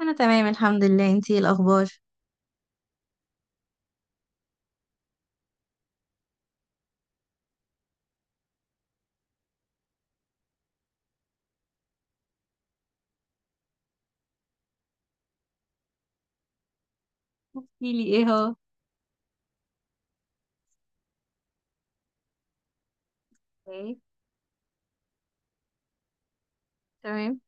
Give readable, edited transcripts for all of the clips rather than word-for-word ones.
انا تمام، الحمد لله. انتي إيه الاخبار؟ احكي لي ايه هو؟ اوكي. تمام.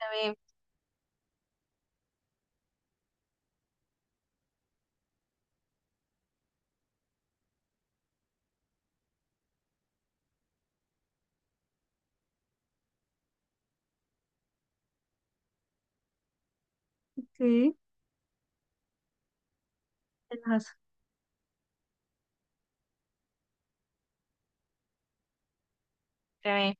تمام. اوكي، إيه اللي حصل؟ تمام.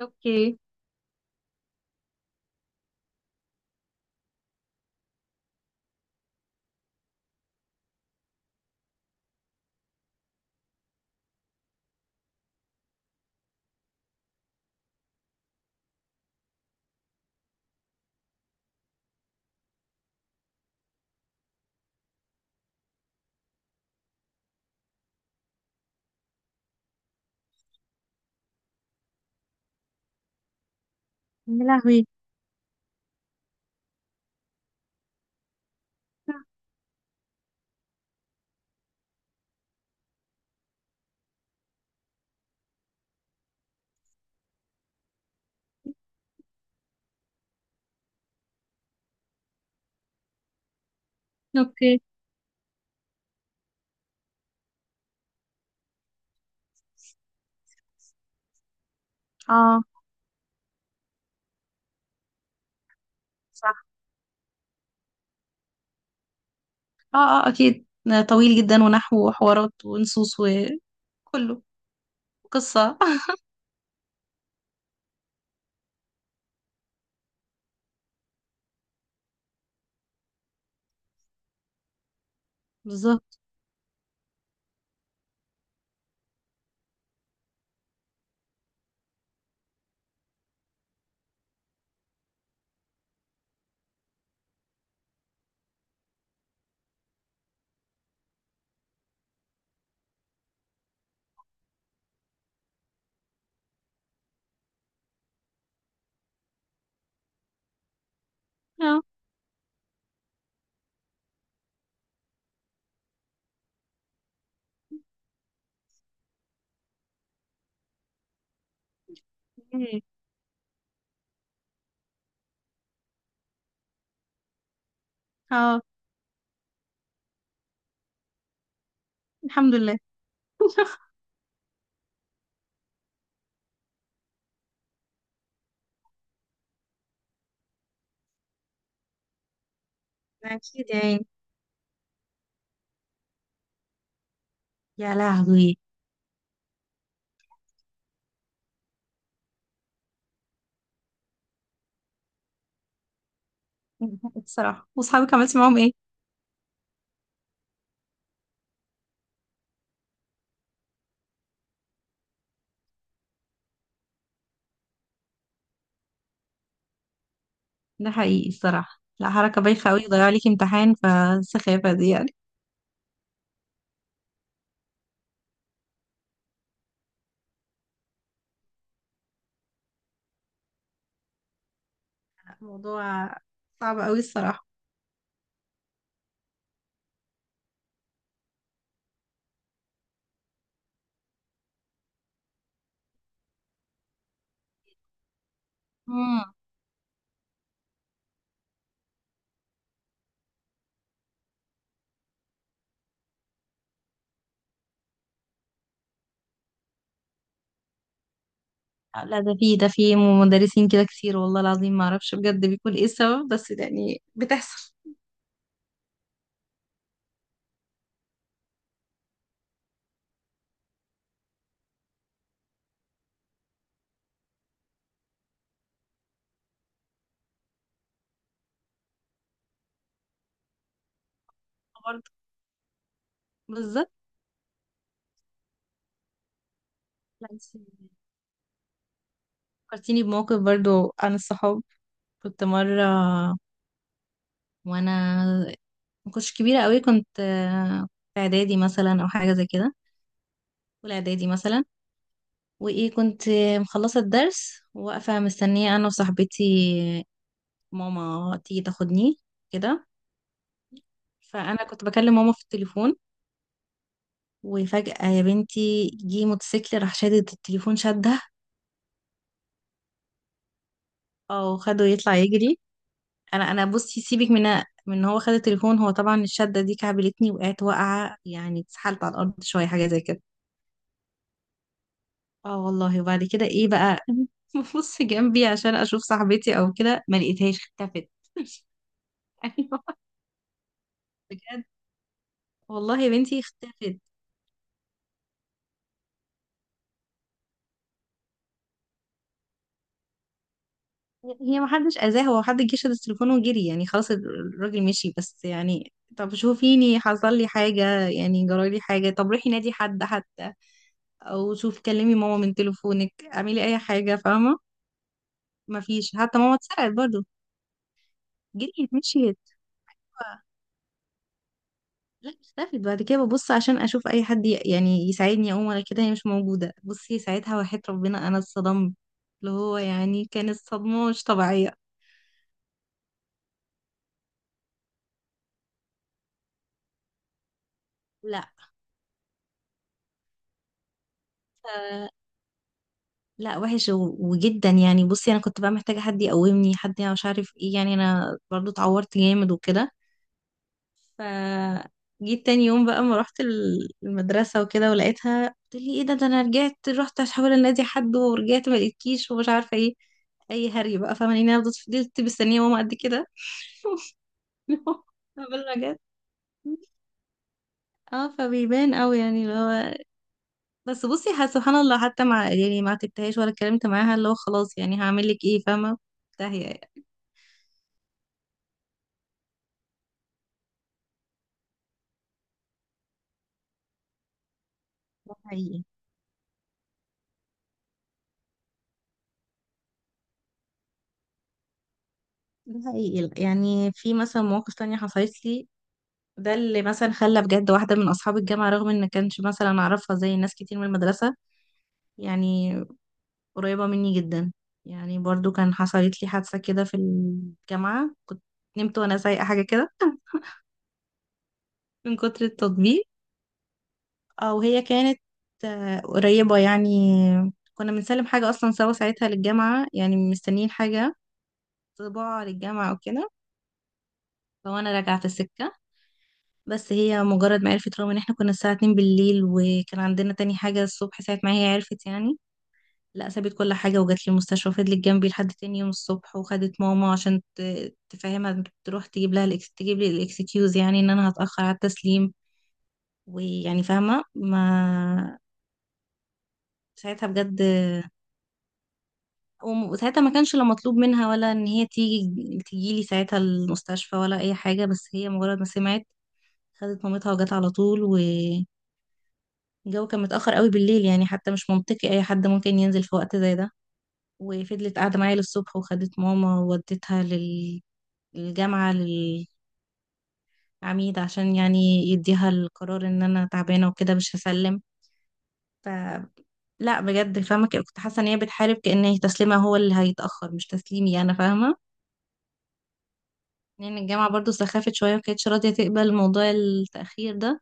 اوكي. يا لهوي! اوكي. اه، صح. اه، اه، اكيد. طويل جدا، ونحو وحوارات ونصوص وكله. قصة. بالظبط. اه. مم. اه. الحمد لله. اكيد يعني. يا لهوي! الصراحة، واصحابك عملتي معاهم ايه؟ ده حقيقي الصراحة. لا، حركة بايخة قوي، ضيع عليكي امتحان فالسخافة دي. موضوع صعب قوي الصراحة. مم. لا، ده في مدرسين كده كتير، والله العظيم ما اعرفش بجد بيكون ايه السبب، بس يعني بتحصل. برضه. بالظبط. لا بس، فكرتيني بموقف برضه عن الصحاب. كنت مرة، وانا ما كنتش كبيرة قوي، كنت في اعدادي مثلا او حاجة زي كده. اولى اعدادي مثلا. وايه، كنت مخلصة الدرس وواقفة مستنية انا وصاحبتي ماما تيجي تاخدني كده. فانا كنت بكلم ماما في التليفون، وفجأة يا بنتي جه موتوسيكل راح شادد التليفون شدها. او خده يطلع يجري. انا بصي سيبك من إن هو خد التليفون، هو طبعا الشدة دي كعبلتني وقعت واقعة يعني اتسحلت على الارض شوية حاجة زي كده. اه والله. وبعد كده ايه بقى، ببص جنبي عشان اشوف صاحبتي او كده، ما لقيتهاش، اختفت. ايوه. بجد. والله يا بنتي اختفت. هي ما حدش اذاه، هو حد جه شد التليفون وجري يعني، خلاص الراجل مشي، بس يعني طب شوفيني حصل لي حاجة، يعني جرى لي حاجة، طب روحي نادي حد حتى. او شوفي كلمي ماما من تليفونك، اعملي اي حاجة، فاهمة؟ ما فيش، حتى ماما اتسرقت برضو. جريت، مشيت. لا، اختفت بعد كده، ببص عشان اشوف اي حد يعني يساعدني اقوم ولا كده، هي مش موجودة، بصي ساعتها وحياة ربنا انا اتصدمت. اللي هو يعني كانت صدمة مش طبيعية. لا. آه، لا وحش وجدا يعني، بصي انا كنت بقى محتاجه حد يقومني، حد يعني مش عارف ايه، يعني انا برضو اتعورت جامد وكده. ف جيت تاني يوم بقى، ما رحت المدرسه وكده، ولقيتها قلت لي ايه ده، ده انا رجعت رحت احاول انادي حد ورجعت ما لقيتكيش، ومش عارفه ايه. اي هري بقى، فاهماني؟ انا فضلت مستنيه ماما قد كده. قبل ما جت. اه فبيبان قوي يعني اللي هو. بس بصي، سبحان الله، حتى مع يعني ما تكتهاش ولا اتكلمت معاها، اللي هو خلاص يعني هعمل لك ايه، فاهمه؟ تهي. ده حقيقي. ده حقيقي، يعني في مثلا مواقف تانية حصلت لي. ده اللي مثلا خلى بجد واحدة من أصحاب الجامعة، رغم إن كانش مثلا أعرفها زي ناس كتير من المدرسة. يعني قريبة مني جدا. يعني برضو كان حصلت لي حادثة كده في الجامعة، كنت نمت وأنا سايقة حاجة كده. من كتر التطبيق. أو هي كانت قريبة يعني. كنا بنسلم حاجة أصلا سوا ساعتها للجامعة، يعني مستنيين حاجة. طباعة للجامعة أو كده. فوأنا راجعة في السكة. بس هي مجرد ما عرفت، رغم ان احنا كنا الساعة 2 بالليل وكان عندنا تاني حاجة الصبح، ساعة ما هي عرفت يعني. لا، سابت كل حاجة وجات لي المستشفى وفضلت جنبي لحد تاني يوم الصبح، وخدت ماما عشان تفهمها تروح تجيب لها تجيب لي الاكسكيوز، يعني ان انا هتأخر على التسليم. ويعني فاهمة ما. ساعتها بجد. وساعتها ما كانش لا مطلوب منها ولا ان هي تيجي لي ساعتها المستشفى ولا اي حاجة، بس هي مجرد ما سمعت. خدت مامتها وجت على طول. الجو كان متأخر قوي بالليل، يعني حتى مش منطقي أي حد ممكن ينزل في وقت زي ده. وفضلت قاعدة معايا للصبح، وخدت ماما ووديتها للجامعة. للعميد عشان يعني يديها القرار إن أنا تعبانة وكده مش هسلم. ف لا بجد، فاهمة كنت حاسة إن هي بتحارب، كأن هي تسليمها هو اللي هيتأخر مش تسليمي أنا، فاهمة؟ لأن الجامعة برضو سخافت شوية ومكانتش راضية تقبل موضوع التأخير ده.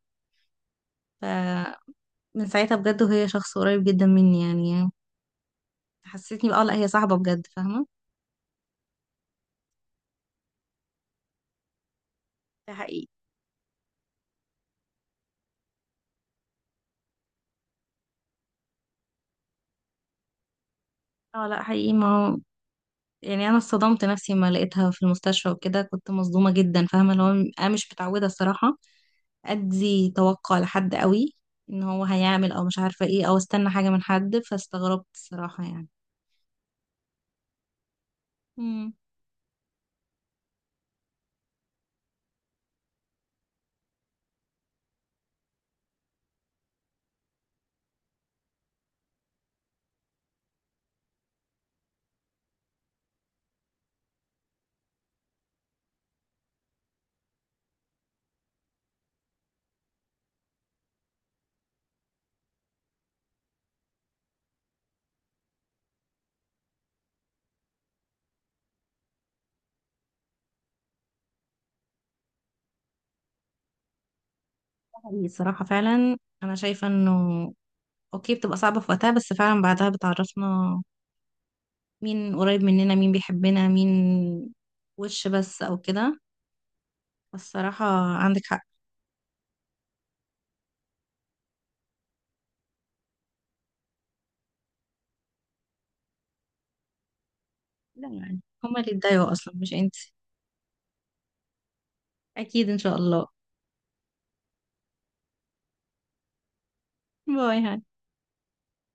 فمن ساعتها بجد، وهي شخص قريب جدا مني يعني، حسيتني بقى لا هي صاحبة بجد، فاهمة؟ ده حقيقي. اه لا، حقيقي ما هو يعني انا اصطدمت نفسي لما لقيتها في المستشفى وكده، كنت مصدومه جدا، فاهمه اللي هو. انا مش متعوده الصراحه. ادي توقع لحد قوي. ان هو هيعمل او مش عارفه ايه، او استنى حاجه من حد، فاستغربت الصراحه يعني. امم. حقيقي الصراحه فعلا. انا شايفه انه اوكي، بتبقى صعبه في وقتها، بس فعلا بعدها بتعرفنا مين قريب مننا، مين بيحبنا، مين وش بس او كده. الصراحه، عندك حق. لا يعني، هما اللي اتضايقوا اصلا مش انت. اكيد ان شاء الله. باي، هاي.